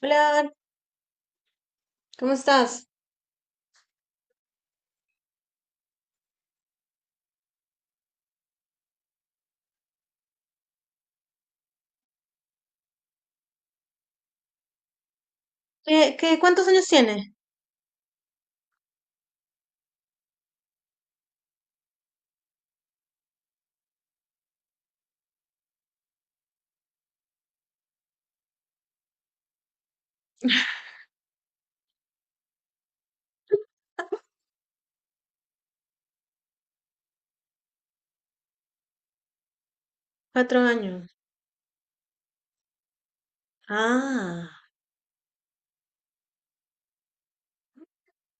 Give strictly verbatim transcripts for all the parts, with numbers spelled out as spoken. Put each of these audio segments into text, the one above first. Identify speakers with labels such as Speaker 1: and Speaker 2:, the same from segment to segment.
Speaker 1: Hola, ¿cómo estás? ¿Qué, qué, cuántos años tienes? Cuatro años. Ah,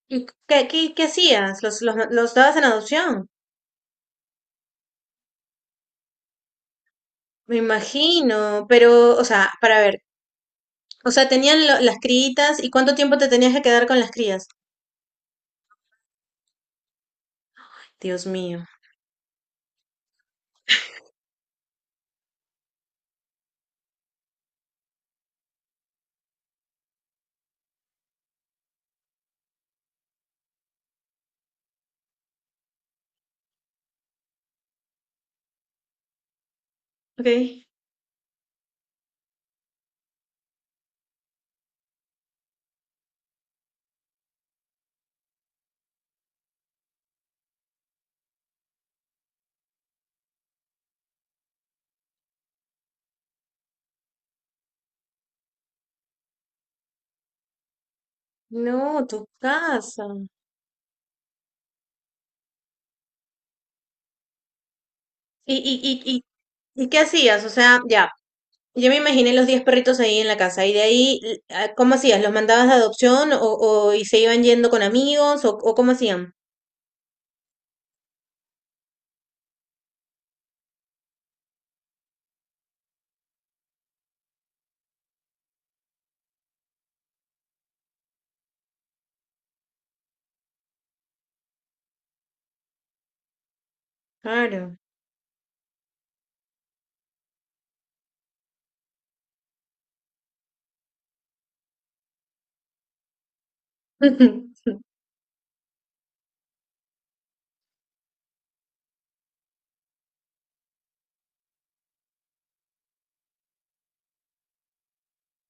Speaker 1: ¿y qué, qué, qué hacías? ¿Los, los, los dabas en adopción? Me imagino, pero, o sea, para ver, o sea, tenían lo- las criitas y cuánto tiempo te tenías que quedar con las crías. Dios mío. Ok. No, tu casa. ¿Y, y, y, y, y qué hacías? O sea, ya, yo me imaginé los diez perritos ahí en la casa y de ahí, l- ah, ¿cómo hacías? ¿Los mandabas de adopción o, o y se iban yendo con amigos o, o cómo hacían? Claro.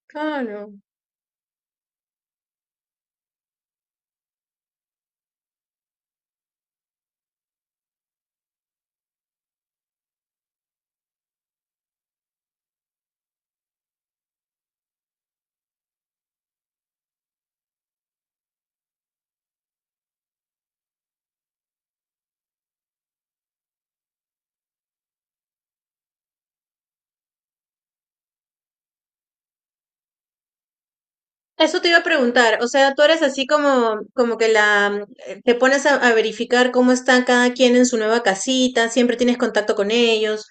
Speaker 1: Claro. Eso te iba a preguntar, o sea, tú eres así como, como que la, eh, te pones a, a verificar cómo está cada quien en su nueva casita, siempre tienes contacto con ellos.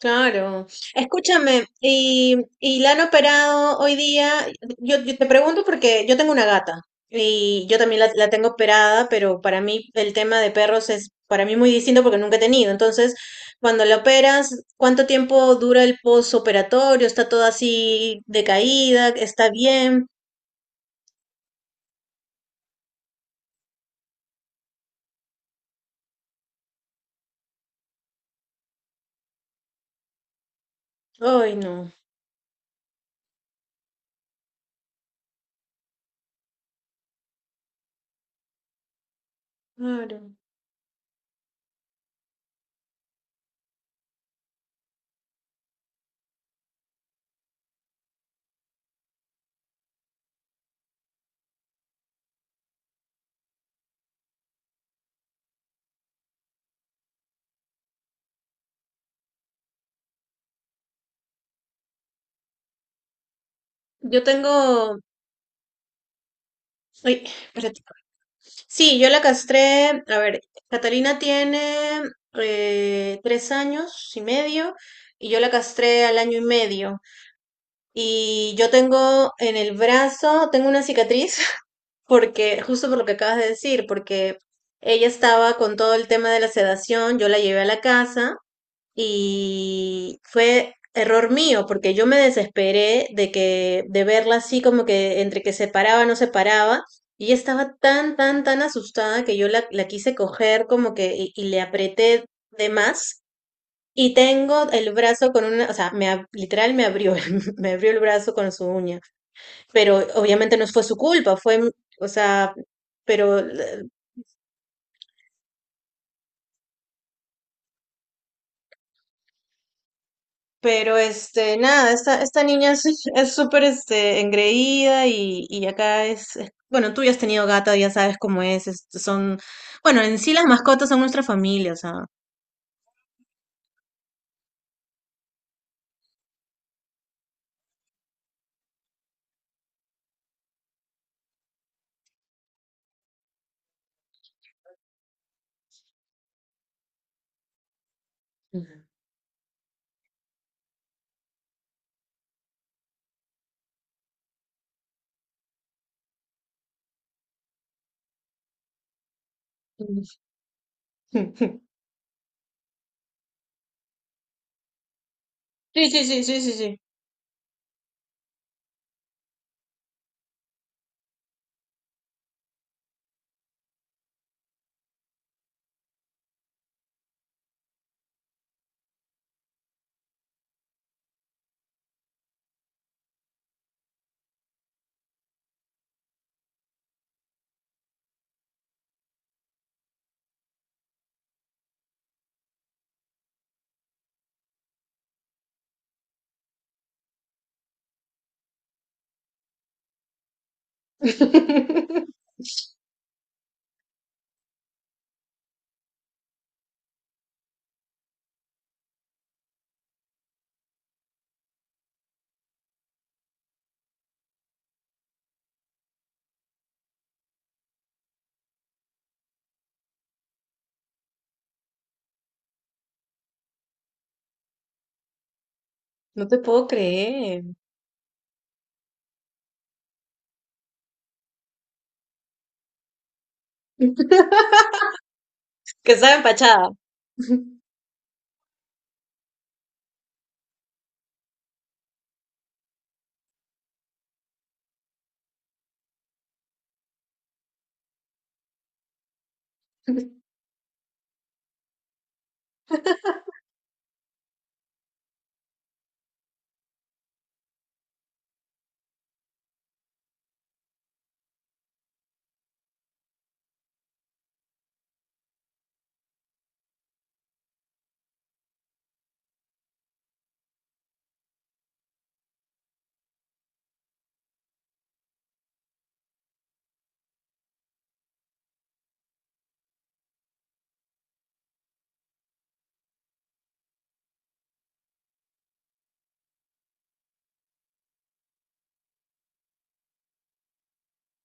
Speaker 1: Claro. Escúchame, y, y la han operado hoy día. Yo, yo te pregunto porque yo tengo una gata y yo también la, la tengo operada, pero para mí el tema de perros es para mí muy distinto porque nunca he tenido. Entonces, cuando la operas, ¿cuánto tiempo dura el posoperatorio? ¿Está todo así decaída? ¿Está bien? Ay, no. Claro. Yo tengo. Ay, espérate. Sí, yo la castré, a ver, Catalina tiene eh, tres años y medio y yo la castré al año y medio. Y yo tengo en el brazo, tengo una cicatriz porque, justo por lo que acabas de decir, porque ella estaba con todo el tema de la sedación, yo la llevé a la casa y fue error mío, porque yo me desesperé de que, de verla así como que entre que se paraba, no se paraba, y ella estaba tan, tan, tan asustada que yo la, la quise coger como que, y, y le apreté de más, y tengo el brazo con una, o sea, me, ab- literal me abrió, me abrió el brazo con su uña, pero obviamente no fue su culpa, fue, o sea, pero. Pero este, nada, esta, esta niña es es súper este, engreída y, y acá es, es- bueno, tú ya has tenido gato, ya sabes cómo es, es- son, bueno, en sí las mascotas son nuestra familia, o sea. Ujú. Sí, sí, sí, sí, sí, sí. No te puedo creer. Que estaba empachada.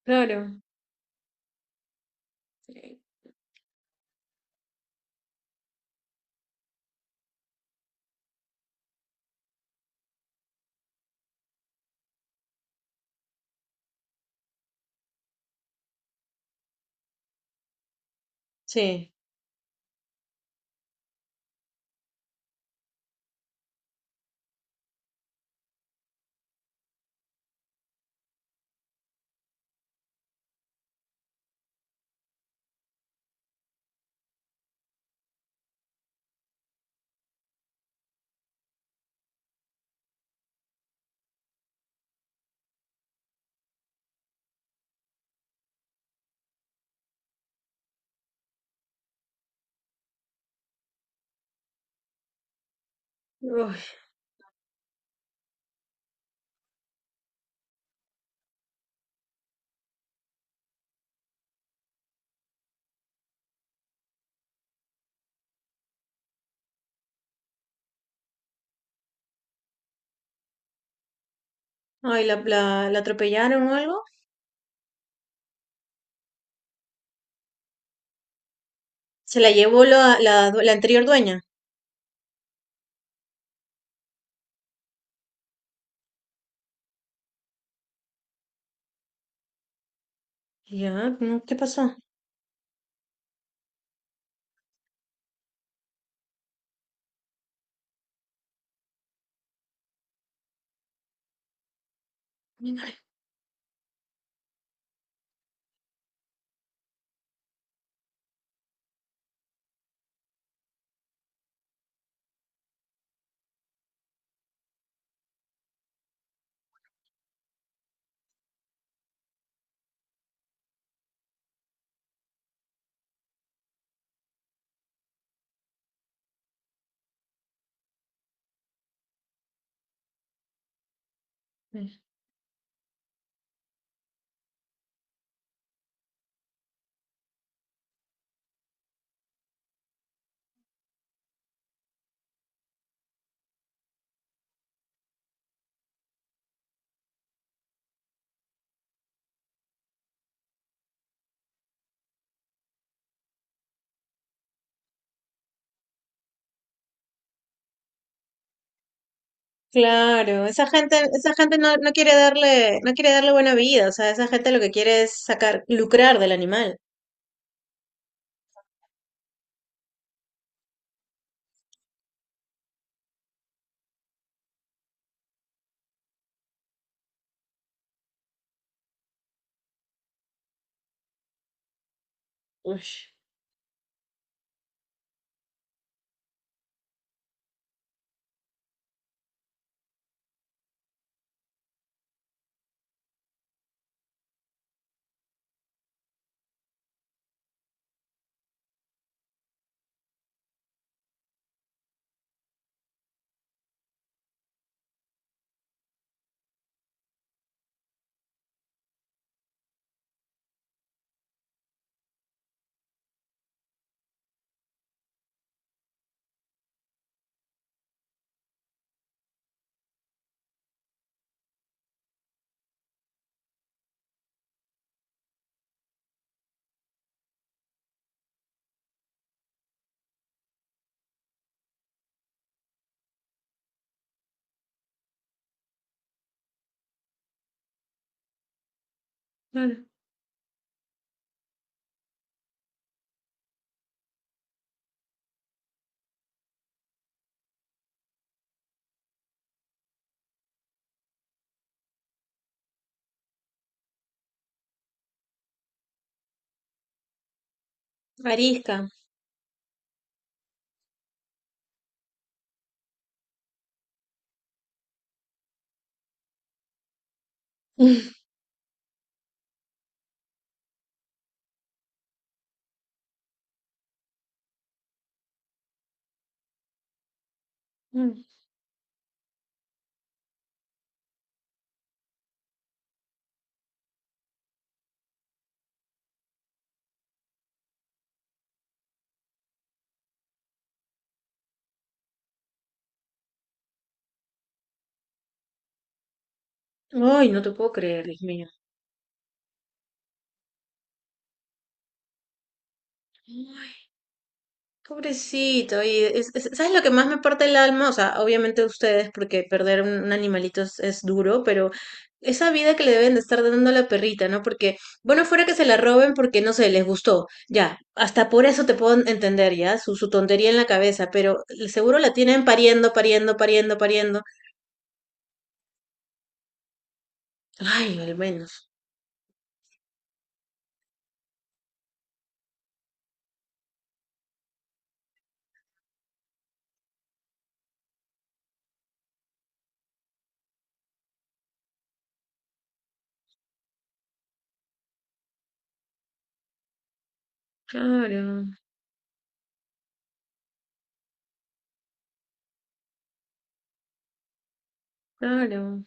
Speaker 1: Claro. Sí. Sí. Ay, la, la, la atropellaron o algo. Se la llevó la, la, due- la anterior dueña. Ya, no, ¿qué pasó? Claro, esa gente, esa gente no, no quiere darle, no quiere darle buena vida, o sea, esa gente lo que quiere es sacar, lucrar del animal. Uy, claro. Arisca. Ay, no te puedo creer, Dios mío. Pobrecito, y es- es- ¿sabes lo que más me parte el alma? O sea, obviamente ustedes, porque perder un, un animalito es, es duro, pero esa vida que le deben de estar dando a la perrita, ¿no? Porque, bueno, fuera que se la roben porque, no sé, les gustó, ya, hasta por eso te puedo entender, ya, su, su tontería en la cabeza, pero seguro la tienen pariendo, pariendo, pariendo, pariendo. Ay, al menos. Claro, claro.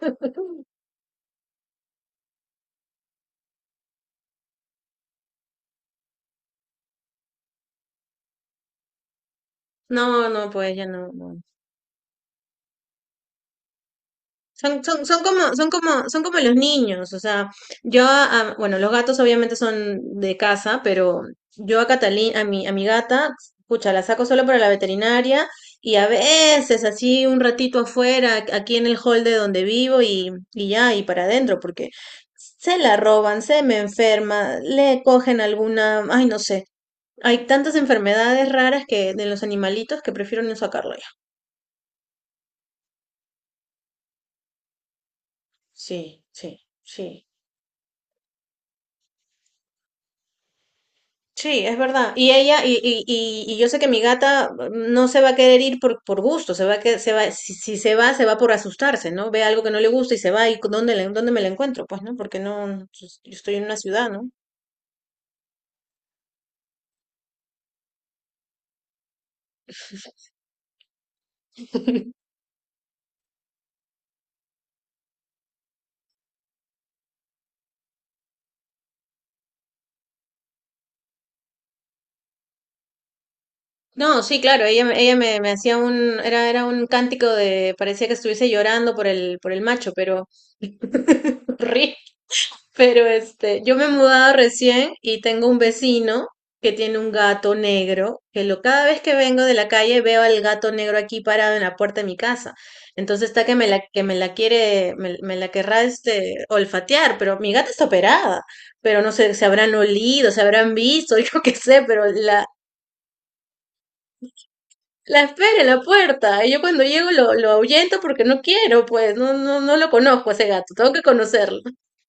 Speaker 1: No, no, pues ya no. No. Son, son, son como, son como, son como los niños, o sea, yo, a- a- bueno, los gatos obviamente son de casa, pero yo a Catalina, a mi, a mi gata, pucha, la saco solo para la veterinaria y a veces así un ratito afuera, aquí en el hall de donde vivo y, y ya, y para adentro, porque se la roban, se me enferma, le cogen alguna, ay, no sé, hay tantas enfermedades raras que de los animalitos que prefiero no sacarlo ya. Sí, sí, sí. Sí, es verdad. Y ella, y, y, y, y yo sé que mi gata mm, no se va a querer ir por, por gusto, se va a que se va, si, si se va, se va por asustarse, ¿no? Ve algo que no le gusta y se va, y dónde le- dónde me la encuentro, pues, ¿no? Porque no, no, pues, yo estoy en una ciudad, ¿no? No, sí, claro, ella, me- ella me, me hacía un, era, era un cántico de, parecía que estuviese llorando por el, por el macho, pero horrible. Pero este, yo me he mudado recién y tengo un vecino que tiene un gato negro, que lo, cada vez que vengo de la calle veo al gato negro aquí parado en la puerta de mi casa. Entonces está que me la, que me la quiere, me, me la querrá este olfatear, pero mi gata está operada, pero no sé, se habrán olido, se habrán visto, yo qué sé, pero la, la espera en la puerta. Y yo cuando llego lo, lo ahuyento porque no quiero, pues, no, no, no lo conozco a ese gato, tengo que conocerlo.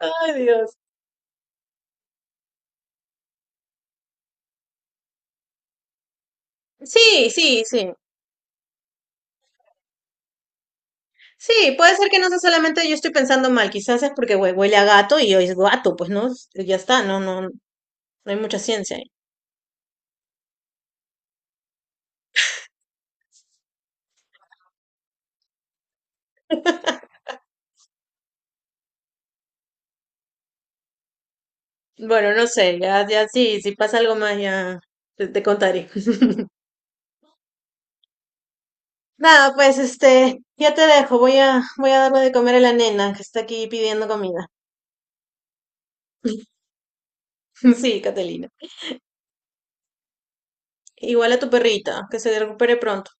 Speaker 1: Ay, Dios. Sí, sí, sí. Sí, puede ser que no sea solamente yo estoy pensando mal, quizás es porque hue- huele a gato y hoy es gato, pues no, ya está, no, no, no hay mucha ciencia ahí. Bueno, no sé, ya, ya sí, si pasa algo más ya te, te contaré. Nada, pues este, ya te dejo, voy a, voy a darle de comer a la nena que está aquí pidiendo comida. Sí, Catalina. Igual a tu perrita, que se recupere pronto.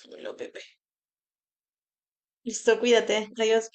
Speaker 1: Dímelo, Pepe. Listo, cuídate, adiós.